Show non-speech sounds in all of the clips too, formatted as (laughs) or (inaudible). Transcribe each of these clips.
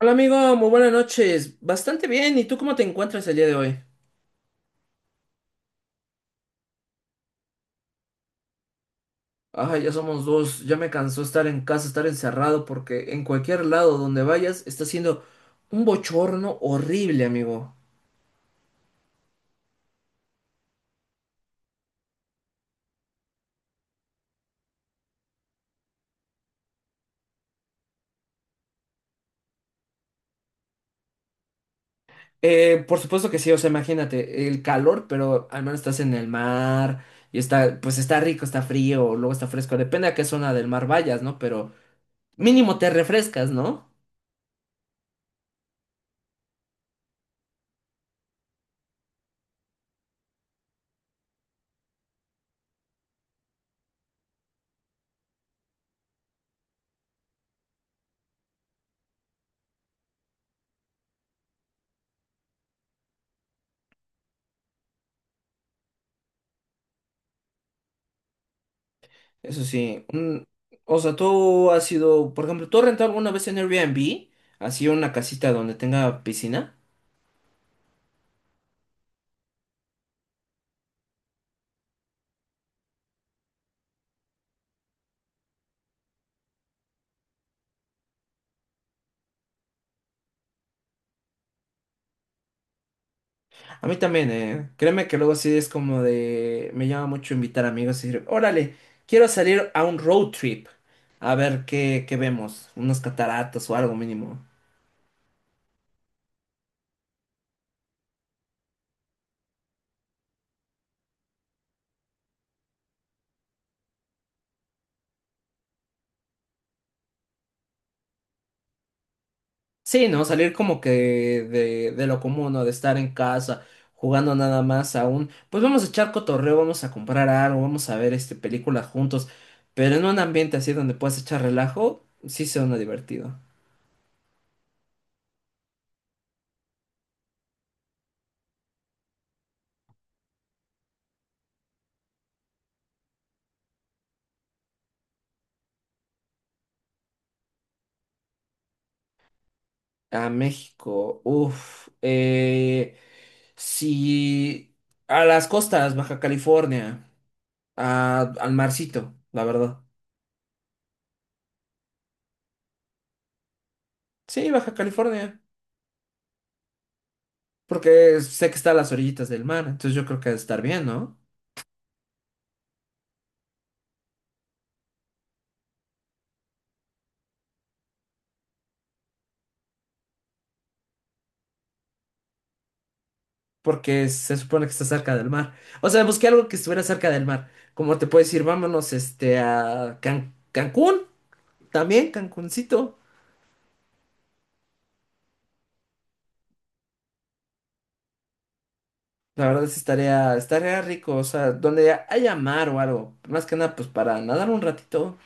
Hola amigo, muy buenas noches. Bastante bien, ¿y tú cómo te encuentras el día de hoy? Ay, ya somos dos, ya me cansó estar en casa, estar encerrado, porque en cualquier lado donde vayas está siendo un bochorno horrible, amigo. Por supuesto que sí, o sea, imagínate, el calor, pero al menos estás en el mar y está, pues está rico, está frío, luego está fresco, depende a qué zona del mar vayas, ¿no? Pero mínimo te refrescas, ¿no? Eso sí, o sea, tú has sido, por ejemplo, ¿tú has rentado alguna vez en Airbnb? Así una casita donde tenga piscina. A mí también, eh. Créeme que luego así es como de, me llama mucho invitar amigos y decir, órale, quiero salir a un road trip. A ver qué, qué vemos, unas cataratas o algo mínimo. Sí, ¿no? Salir como que de lo común, ¿no? De estar en casa jugando nada más aún. Pues vamos a echar cotorreo, vamos a comprar algo, vamos a ver este películas juntos. Pero en un ambiente así donde puedas echar relajo, sí suena divertido. A México, uff. Sí, a las costas, Baja California, al marcito, la verdad. Sí, Baja California, porque sé que está a las orillitas del mar, entonces yo creo que ha de estar bien, ¿no? Porque se supone que está cerca del mar. O sea, busqué algo que estuviera cerca del mar. Como te puedo decir, vámonos este a Cancún, también Cancuncito. La verdad sí estaría, estaría rico, o sea, donde haya mar o algo. Más que nada, pues para nadar un ratito.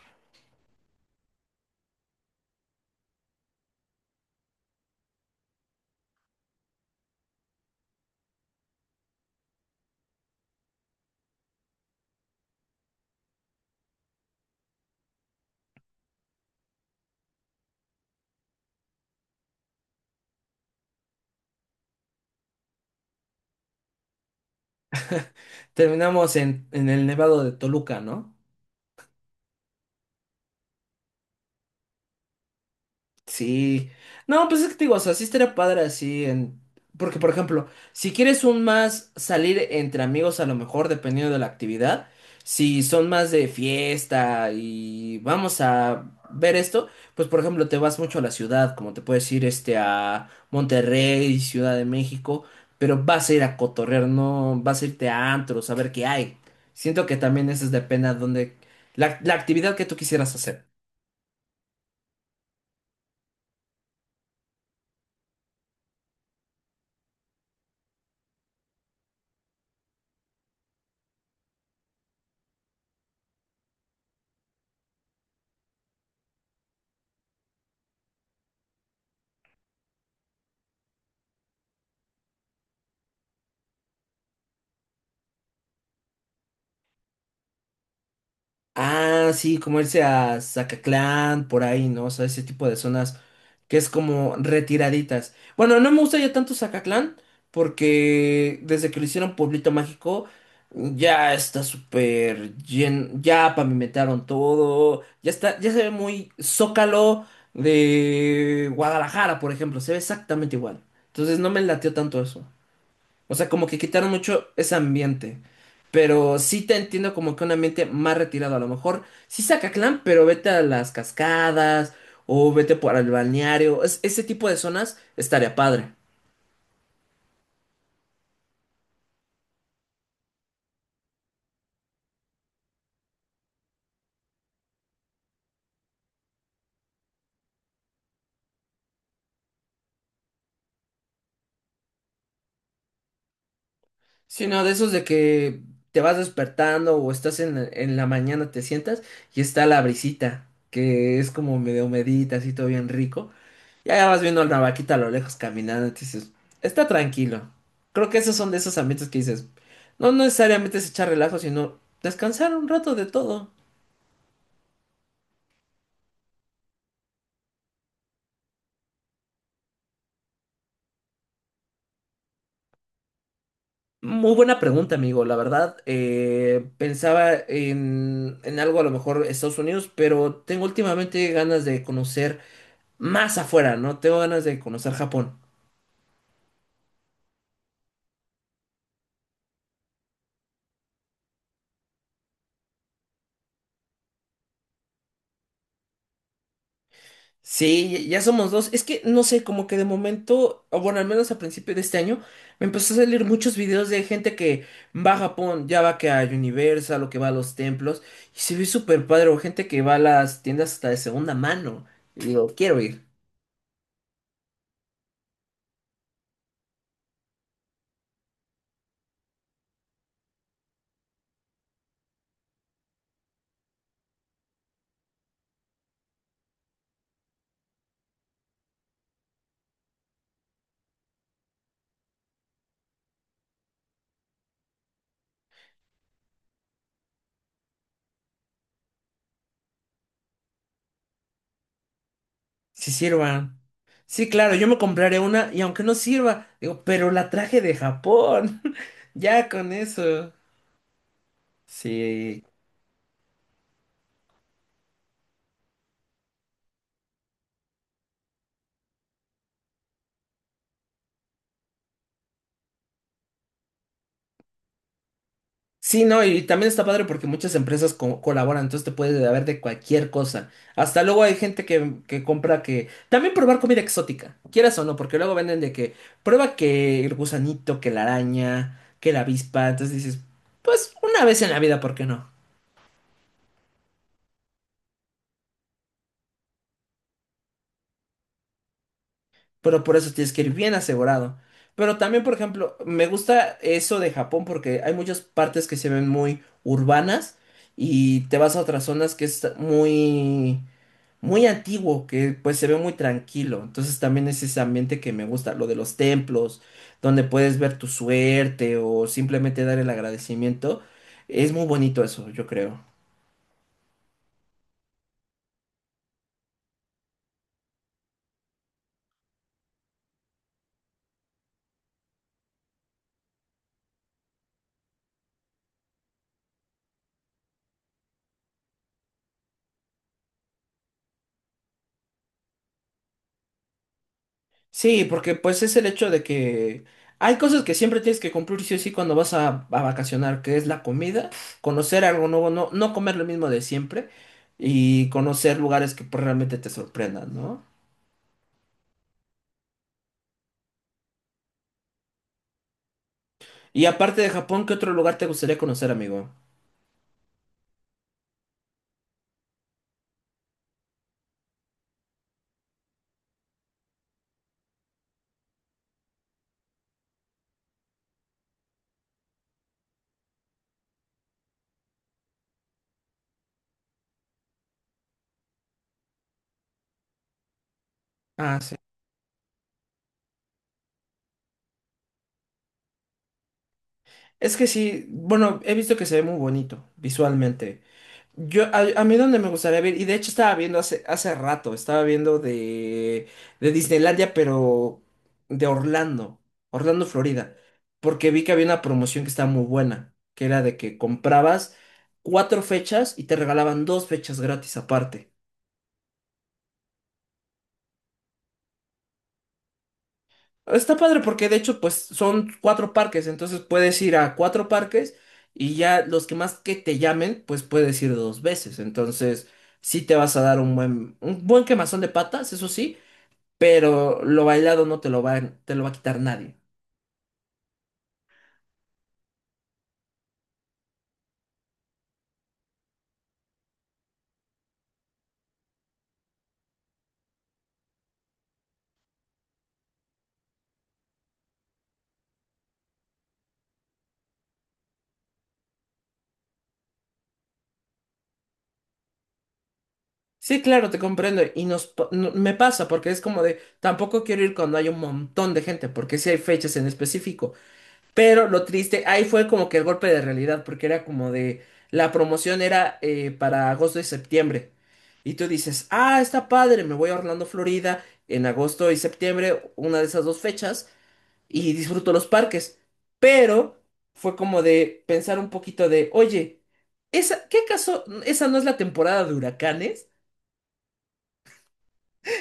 Terminamos en el Nevado de Toluca, ¿no? Sí. No, pues es que te digo, o sea, sí estaría padre así en... Porque, por ejemplo, si quieres un más salir entre amigos, a lo mejor, dependiendo de la actividad, si son más de fiesta y vamos a ver esto, pues, por ejemplo, te vas mucho a la ciudad, como te puedes ir este a Monterrey, Ciudad de México, pero vas a ir a cotorrear, no vas a irte a antros, a ver qué hay. Siento que también eso es depende a dónde... La actividad que tú quisieras hacer. Ah, sí, como irse a Zacatlán, por ahí, ¿no? O sea, ese tipo de zonas que es como retiraditas. Bueno, no me gusta ya tanto Zacatlán, porque desde que lo hicieron Pueblito Mágico, ya está súper lleno, ya pavimentaron todo, ya está, ya se ve muy Zócalo de Guadalajara, por ejemplo, se ve exactamente igual. Entonces no me lateó tanto eso. O sea, como que quitaron mucho ese ambiente. Pero sí te entiendo como que un ambiente más retirado. A lo mejor sí saca clan, pero vete a las cascadas o vete por el balneario. Ese tipo de zonas estaría padre. Sino de esos de que te vas despertando o estás en la mañana, te sientas y está la brisita, que es como medio medita, así todo bien rico. Ya vas viendo la vaquita a lo lejos caminando y te dices, está tranquilo. Creo que esos son de esos ambientes que dices, no necesariamente es echar relajo, sino descansar un rato de todo. Muy buena pregunta, amigo. La verdad, pensaba en algo a lo mejor Estados Unidos, pero tengo últimamente ganas de conocer más afuera, ¿no? Tengo ganas de conocer Japón. Sí, ya somos dos. Es que no sé, como que de momento, o bueno, al menos a principio de este año, me empezó a salir muchos videos de gente que va a Japón, ya va que a Universal o que va a los templos, y se ve súper padre, o gente que va a las tiendas hasta de segunda mano. Y digo, quiero ir, si sirvan. Sí, claro, yo me compraré una, y aunque no sirva, digo, pero la traje de Japón. (laughs) Ya con eso. Sí, sí, no, y también está padre porque muchas empresas colaboran, entonces te puedes haber de cualquier cosa. Hasta luego hay gente que compra que... También probar comida exótica, quieras o no, porque luego venden de que prueba que el gusanito, que la araña, que la avispa, entonces dices, pues una vez en la vida, ¿por qué no? Pero por eso tienes que ir bien asegurado. Pero también, por ejemplo, me gusta eso de Japón porque hay muchas partes que se ven muy urbanas y te vas a otras zonas que es muy muy antiguo, que pues se ve muy tranquilo. Entonces también es ese ambiente que me gusta, lo de los templos, donde puedes ver tu suerte o simplemente dar el agradecimiento. Es muy bonito eso, yo creo. Sí, porque pues es el hecho de que hay cosas que siempre tienes que cumplir sí o sí cuando vas a vacacionar, que es la comida, conocer algo nuevo, no, no comer lo mismo de siempre y conocer lugares que pues, realmente te sorprendan, ¿no? Y aparte de Japón, ¿qué otro lugar te gustaría conocer, amigo? Ah, sí. Es que sí, bueno, he visto que se ve muy bonito visualmente. Yo, a mí donde me gustaría ver, y de hecho estaba viendo hace, hace rato, estaba viendo de Disneylandia, pero de Orlando, Orlando, Florida, porque vi que había una promoción que estaba muy buena, que era de que comprabas cuatro fechas y te regalaban dos fechas gratis aparte. Está padre porque de hecho pues son cuatro parques, entonces puedes ir a cuatro parques y ya los que más que te llamen pues puedes ir dos veces, entonces sí te vas a dar un buen quemazón de patas, eso sí, pero lo bailado no te lo va, te lo va a quitar nadie. Sí, claro, te comprendo y nos, me pasa porque es como de tampoco quiero ir cuando hay un montón de gente porque sí hay fechas en específico. Pero lo triste, ahí fue como que el golpe de realidad, porque era como de, la promoción era para agosto y septiembre. Y tú dices, ah, está padre, me voy a Orlando, Florida, en agosto y septiembre, una de esas dos fechas, y disfruto los parques. Pero fue como de pensar un poquito de, oye, ¿esa, qué acaso, esa no es la temporada de huracanes?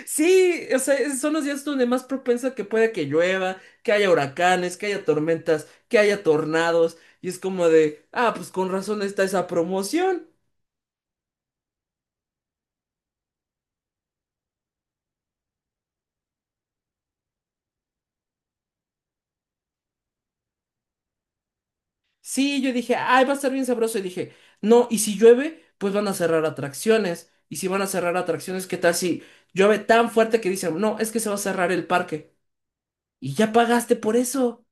Sí, o sea, son los días donde más propensa que pueda que llueva, que haya huracanes, que haya tormentas, que haya tornados. Y es como de, ah, pues con razón está esa promoción. Sí, yo dije, ay, va a estar bien sabroso. Y dije, no, y si llueve, pues van a cerrar atracciones. Y si van a cerrar atracciones, ¿qué tal si llueve tan fuerte que dicen, no, es que se va a cerrar el parque? Y ya pagaste por eso.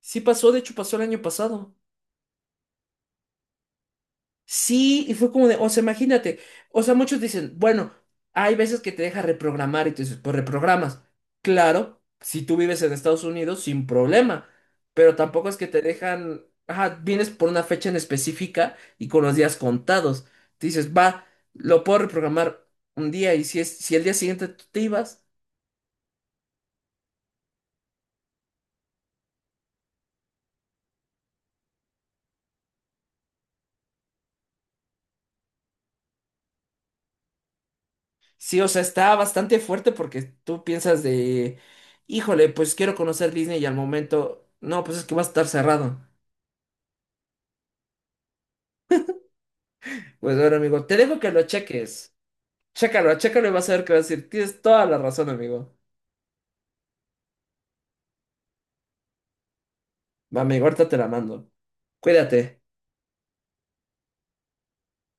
Sí pasó, de hecho pasó el año pasado. Sí, y fue como de, o sea, imagínate, o sea, muchos dicen, bueno, hay veces que te deja reprogramar y tú dices, pues reprogramas. Claro, si tú vives en Estados Unidos, sin problema, pero tampoco es que te dejan, ajá, vienes por una fecha en específica y con los días contados. Te dices, va, lo puedo reprogramar un día y si es, si el día siguiente tú te ibas, sí, o sea, está bastante fuerte porque tú piensas de, híjole, pues quiero conocer Disney y al momento, no, pues es que va a estar cerrado. Pues bueno, amigo, te dejo que lo cheques. Chécalo, chécalo y vas a ver que vas a decir. Tienes toda la razón, amigo. Va, amigo, ahorita te la mando. Cuídate.